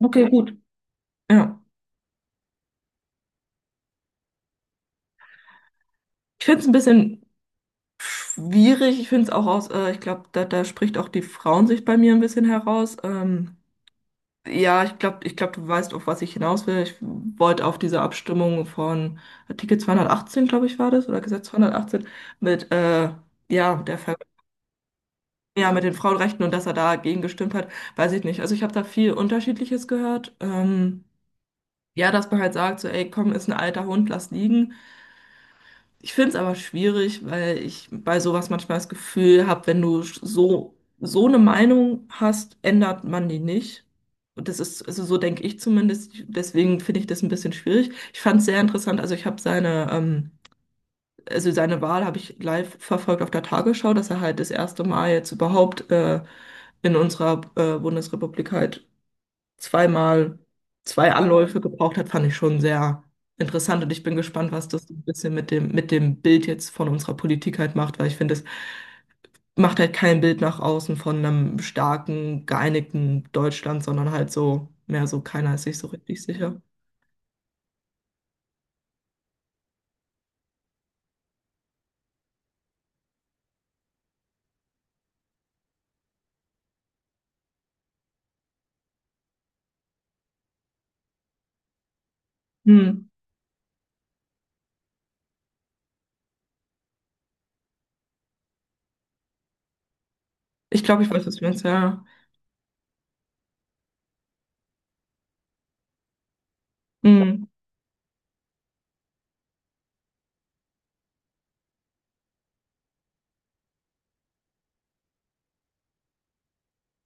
Okay, gut. Ja. Ich finde es ein bisschen schwierig. Ich finde es auch aus, ich glaube, da spricht auch die Frauensicht bei mir ein bisschen heraus. Ja, ich glaube, du weißt, auf was ich hinaus will. Ich wollte auf diese Abstimmung von Artikel 218, glaube ich, war das, oder Gesetz 218 mit, ja, der Ver ja, mit den Frauenrechten und dass er dagegen gestimmt hat, weiß ich nicht. Also ich habe da viel Unterschiedliches gehört. Ja, dass man halt sagt, so, ey, komm, ist ein alter Hund, lass liegen. Ich finde es aber schwierig, weil ich bei sowas manchmal das Gefühl habe, wenn du so eine Meinung hast, ändert man die nicht. Und das ist, also so denke ich zumindest, deswegen finde ich das ein bisschen schwierig. Ich fand es sehr interessant, also ich habe seine Wahl habe ich live verfolgt auf der Tagesschau, dass er halt das erste Mal jetzt überhaupt in unserer Bundesrepublik halt zweimal zwei Anläufe gebraucht hat, fand ich schon sehr interessant. Und ich bin gespannt, was das so ein bisschen mit dem Bild jetzt von unserer Politik halt macht, weil ich finde, es macht halt kein Bild nach außen von einem starken, geeinigten Deutschland, sondern halt so, mehr so, keiner ist sich so richtig sicher. Hm. Ich glaube, ich weiß, was du meinst, ja. Hm.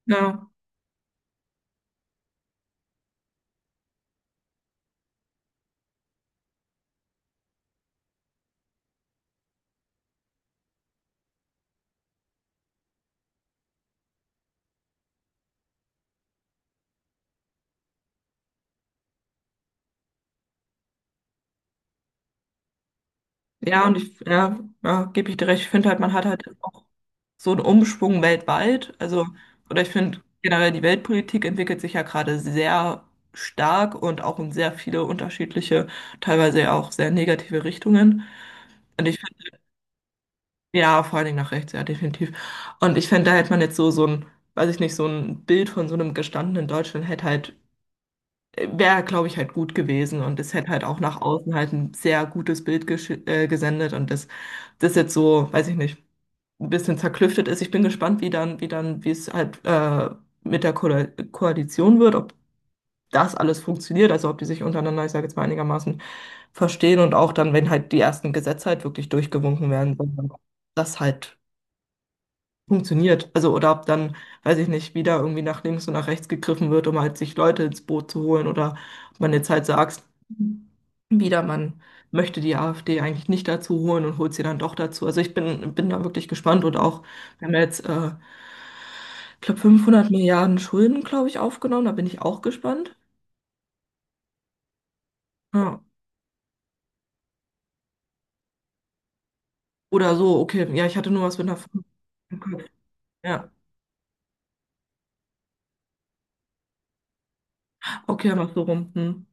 Ja. Ja, und ja, ja, gebe ich dir recht. Ich finde halt, man hat halt auch so ein Umschwung weltweit. Also, oder ich finde generell die Weltpolitik entwickelt sich ja gerade sehr stark und auch in sehr viele unterschiedliche, teilweise ja auch sehr negative Richtungen. Und ich finde, ja, vor allen Dingen nach rechts, ja, definitiv. Und ich finde, da hätte man jetzt weiß ich nicht, so ein Bild von so einem gestandenen Deutschland hätte halt, wäre, glaube ich, halt gut gewesen. Und es hätte halt auch nach außen halt ein sehr gutes Bild gesendet. Und das jetzt so, weiß ich nicht, ein bisschen zerklüftet ist. Ich bin gespannt, wie dann, wie es halt mit der Ko Koalition wird, ob das alles funktioniert, also ob die sich untereinander, ich sage jetzt mal, einigermaßen verstehen und auch dann, wenn halt die ersten Gesetze halt wirklich durchgewunken werden, dass halt funktioniert. Also, oder ob dann, weiß ich nicht, wieder irgendwie nach links und nach rechts gegriffen wird, um halt sich Leute ins Boot zu holen, oder ob man jetzt halt sagt, wieder, man möchte die AfD eigentlich nicht dazu holen und holt sie dann doch dazu. Also ich bin da wirklich gespannt und auch, wir haben ja jetzt, ich glaube, 500 Milliarden Schulden, glaube ich, aufgenommen, da bin ich auch gespannt. Ja. Oder so, okay, ja, ich hatte nur was mit einer 5 im Kopf. Ja, okay, mach so rum. Hm.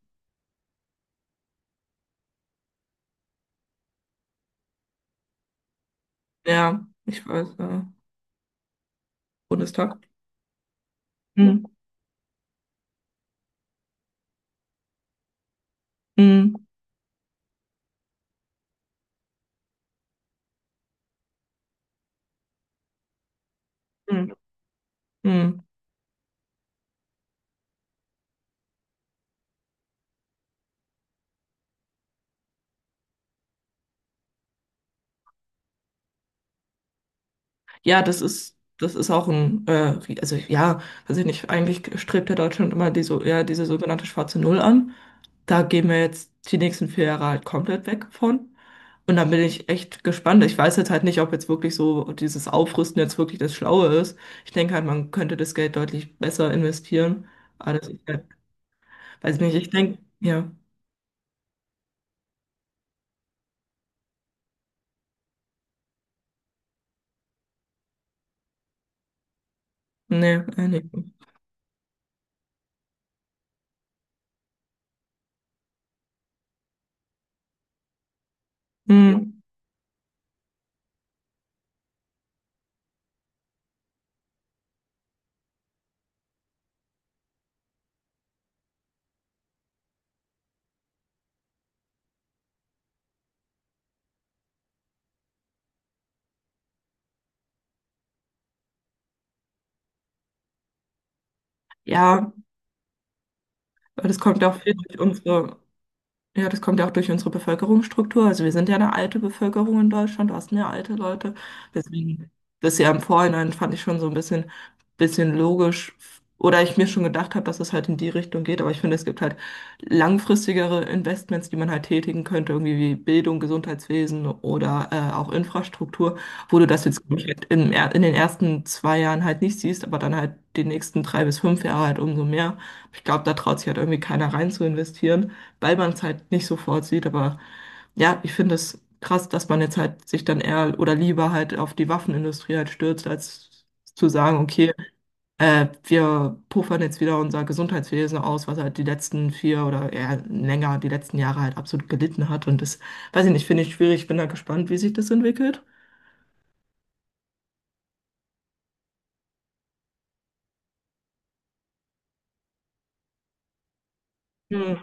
Ja, ich weiß, Bundestag. Hm. Hm. Hm, hm. Ja, das ist auch ein, also ja, weiß ich nicht, eigentlich strebt ja Deutschland immer so, ja, diese sogenannte schwarze Null an. Da gehen wir jetzt die nächsten 4 Jahre halt komplett weg von. Und da bin ich echt gespannt. Ich weiß jetzt halt nicht, ob jetzt wirklich so dieses Aufrüsten jetzt wirklich das Schlaue ist. Ich denke halt, man könnte das Geld deutlich besser investieren. Aber das ist halt, weiß ich nicht, ich denke, ja, nee, nicht. Hm. Ja, aber das kommt ja auch viel durch unsere. Ja, das kommt ja auch durch unsere Bevölkerungsstruktur. Also wir sind ja eine alte Bevölkerung in Deutschland, du hast mehr alte Leute. Deswegen, das ja im Vorhinein fand ich schon so ein bisschen logisch. Oder ich mir schon gedacht habe, dass es halt in die Richtung geht. Aber ich finde, es gibt halt langfristigere Investments, die man halt tätigen könnte, irgendwie wie Bildung, Gesundheitswesen oder auch Infrastruktur, wo du das jetzt, glaub ich, halt in den ersten 2 Jahren halt nicht siehst, aber dann halt die nächsten 3 bis 5 Jahre halt umso mehr. Ich glaube, da traut sich halt irgendwie keiner rein zu investieren, weil man es halt nicht sofort sieht. Aber ja, ich finde es krass, dass man jetzt halt sich dann eher oder lieber halt auf die Waffenindustrie halt stürzt, als zu sagen, okay, wir puffern jetzt wieder unser Gesundheitswesen aus, was halt die letzten 4 oder eher länger, die letzten Jahre halt absolut gelitten hat. Und das, weiß ich nicht, finde ich schwierig. Ich bin da gespannt, wie sich das entwickelt. Hm.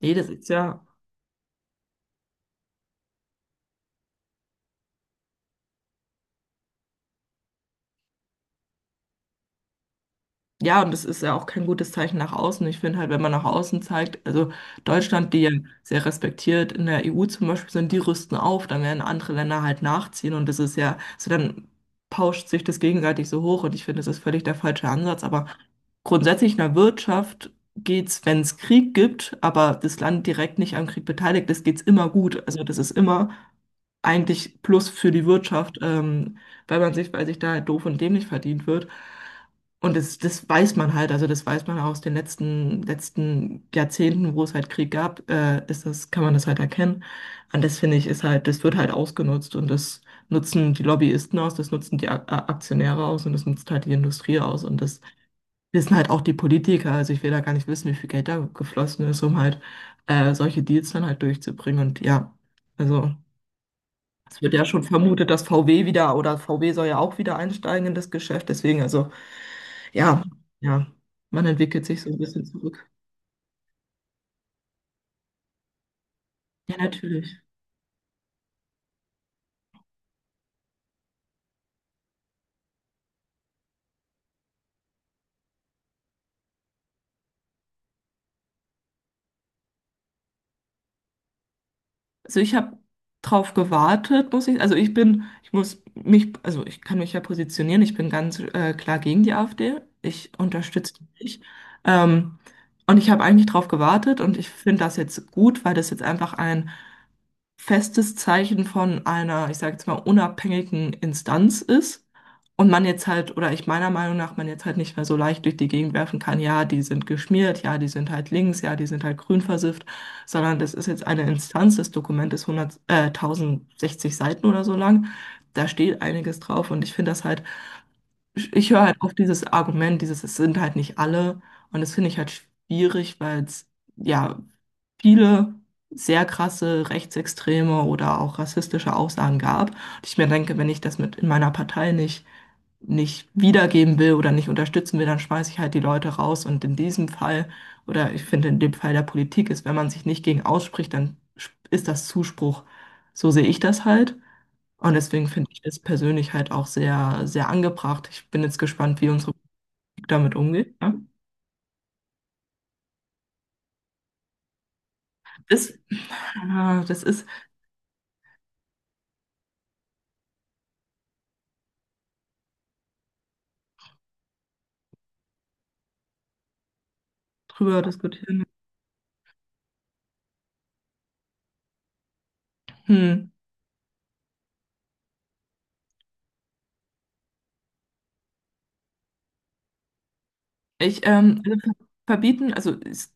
Nee, das ist ja. Ja, und das ist ja auch kein gutes Zeichen nach außen. Ich finde halt, wenn man nach außen zeigt, also Deutschland, die ja sehr respektiert in der EU zum Beispiel sind, die rüsten auf, dann werden andere Länder halt nachziehen, und das ist ja, so dann pauscht sich das gegenseitig so hoch, und ich finde, das ist völlig der falsche Ansatz. Aber grundsätzlich in der Wirtschaft geht's, wenn es Krieg gibt, aber das Land direkt nicht am Krieg beteiligt ist, geht's immer gut. Also das ist immer eigentlich Plus für die Wirtschaft, weil sich da doof und dämlich verdient wird. Und das, das weiß man halt, also das weiß man aus den letzten Jahrzehnten, wo es halt Krieg gab, kann man das halt erkennen. Und das finde ich, ist halt, das wird halt ausgenutzt und das nutzen die Lobbyisten aus, das nutzen die Aktionäre aus und das nutzt halt die Industrie aus und das wissen halt auch die Politiker. Also ich will da gar nicht wissen, wie viel Geld da geflossen ist, um halt solche Deals dann halt durchzubringen. Und ja, also. Es wird ja schon vermutet, dass VW wieder, oder VW soll ja auch wieder einsteigen in das Geschäft. Deswegen, also ja, ja, man entwickelt sich so ein bisschen zurück. Ja, natürlich. Also ich habe drauf gewartet, muss ich. Also ich kann mich ja positionieren. Ich bin ganz klar gegen die AfD. Ich unterstütze die nicht. Ähm, und ich habe eigentlich drauf gewartet und ich finde das jetzt gut, weil das jetzt einfach ein festes Zeichen von einer, ich sage jetzt mal, unabhängigen Instanz ist und man jetzt halt, oder ich meiner Meinung nach, man jetzt halt nicht mehr so leicht durch die Gegend werfen kann, ja, die sind geschmiert, ja, die sind halt links, ja, die sind halt grün versifft, sondern das ist jetzt eine Instanz, das Dokument ist 1060 Seiten oder so lang, da steht einiges drauf und ich finde das halt, ich höre halt oft dieses Argument, dieses, es sind halt nicht alle, und das finde ich halt schwierig, weil es, ja, viele sehr krasse rechtsextreme oder auch rassistische Aussagen gab. Und ich mir denke, wenn ich das mit in meiner Partei nicht wiedergeben will oder nicht unterstützen will, dann schmeiße ich halt die Leute raus. Und in diesem Fall, oder ich finde in dem Fall der Politik ist, wenn man sich nicht gegen ausspricht, dann ist das Zuspruch. So sehe ich das halt. Und deswegen finde ich das persönlich halt auch sehr, sehr angebracht. Ich bin jetzt gespannt, wie unsere Politik damit umgeht. Ja. Das, das ist drüber diskutieren. Hm. Ich, verbieten, also, ist,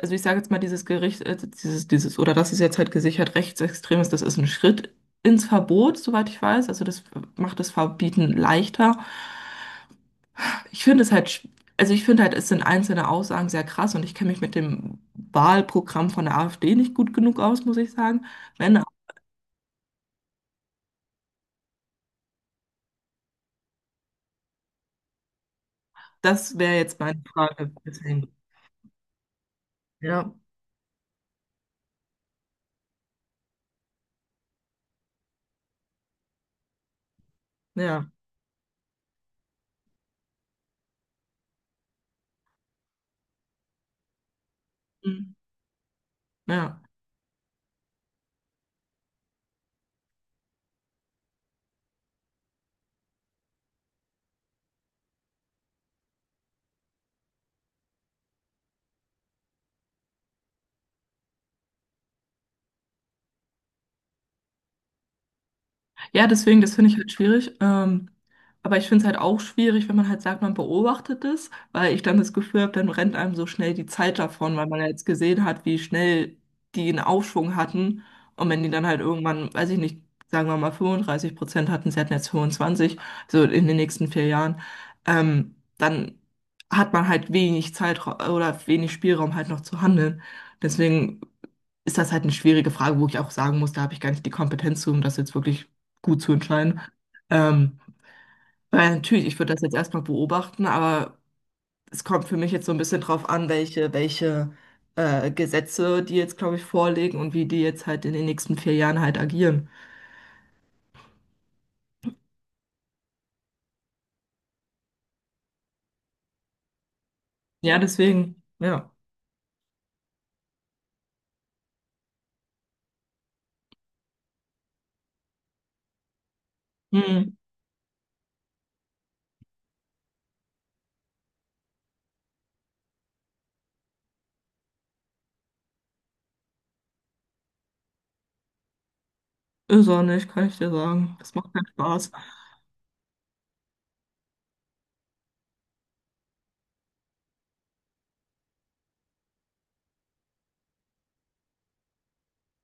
also ich sage jetzt mal, dieses Gericht, dieses, oder das ist jetzt halt gesichert rechtsextrem ist, das ist ein Schritt ins Verbot, soweit ich weiß. Also das macht das Verbieten leichter. Ich finde es halt, also ich finde halt, es sind einzelne Aussagen sehr krass und ich kenne mich mit dem Wahlprogramm von der AfD nicht gut genug aus, muss ich sagen. Wenn, das wäre jetzt meine Frage. Deswegen. Ja, ja, hm, ja. Ja, deswegen, das finde ich halt schwierig. Aber ich finde es halt auch schwierig, wenn man halt sagt, man beobachtet es, weil ich dann das Gefühl habe, dann rennt einem so schnell die Zeit davon, weil man ja jetzt gesehen hat, wie schnell die einen Aufschwung hatten. Und wenn die dann halt irgendwann, weiß ich nicht, sagen wir mal 35% hatten, sie hatten jetzt 25, so in den nächsten 4 Jahren, dann hat man halt wenig Zeit oder wenig Spielraum halt noch zu handeln. Deswegen ist das halt eine schwierige Frage, wo ich auch sagen muss, da habe ich gar nicht die Kompetenz zu, um das jetzt wirklich gut zu entscheiden. Ähm, weil natürlich, ich würde das jetzt erstmal beobachten, aber es kommt für mich jetzt so ein bisschen drauf an, welche Gesetze die jetzt, glaube ich, vorlegen und wie die jetzt halt in den nächsten 4 Jahren halt agieren. Ja, deswegen, ja. Hm, ist auch nicht, kann ich dir sagen. Das macht keinen Spaß.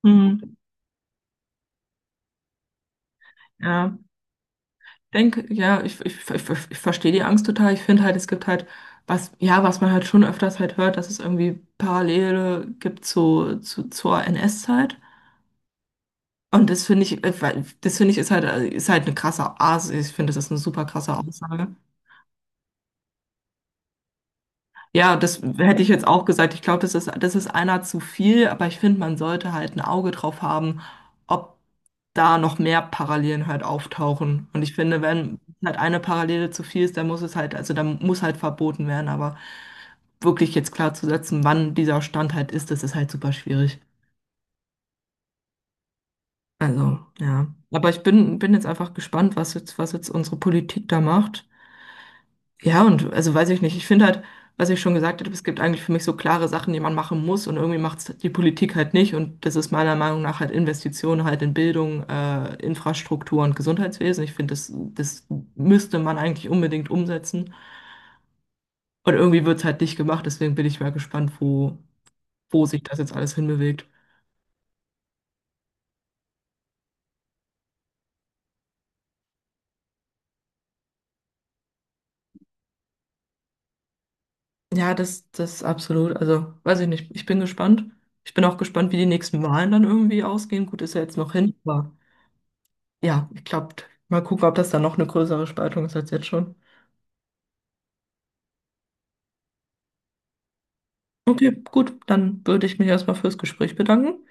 Hm, ja. Denke, ja, ich, verstehe die Angst total. Ich finde halt, es gibt halt was, ja, was man halt schon öfters halt hört, dass es irgendwie Parallele gibt zu, zur NS-Zeit. Und das finde ich, das finde ich, ist halt eine krasse Aussage. Ich finde, das ist eine super krasse Aussage. Ja, das hätte ich jetzt auch gesagt. Ich glaube, das ist einer zu viel, aber ich finde, man sollte halt ein Auge drauf haben, ob da noch mehr Parallelen halt auftauchen. Und ich finde, wenn halt eine Parallele zu viel ist, dann muss es halt, also dann muss halt verboten werden. Aber wirklich jetzt klar zu setzen, wann dieser Stand halt ist, das ist halt super schwierig. Also, ja. Aber ich bin jetzt einfach gespannt, was jetzt unsere Politik da macht. Ja, und also weiß ich nicht. Ich finde halt, was ich schon gesagt habe, es gibt eigentlich für mich so klare Sachen, die man machen muss und irgendwie macht es die Politik halt nicht. Und das ist meiner Meinung nach halt Investitionen halt in Bildung, Infrastruktur und Gesundheitswesen. Ich finde, das müsste man eigentlich unbedingt umsetzen. Und irgendwie wird es halt nicht gemacht, deswegen bin ich mal gespannt, wo, sich das jetzt alles hinbewegt. Ja, das, das absolut. Also, weiß ich nicht. Ich bin gespannt. Ich bin auch gespannt, wie die nächsten Wahlen dann irgendwie ausgehen. Gut, ist ja jetzt noch hin, aber. Ja, ich glaube, mal gucken, ob das dann noch eine größere Spaltung ist als jetzt schon. Okay, gut, dann würde ich mich erstmal fürs Gespräch bedanken.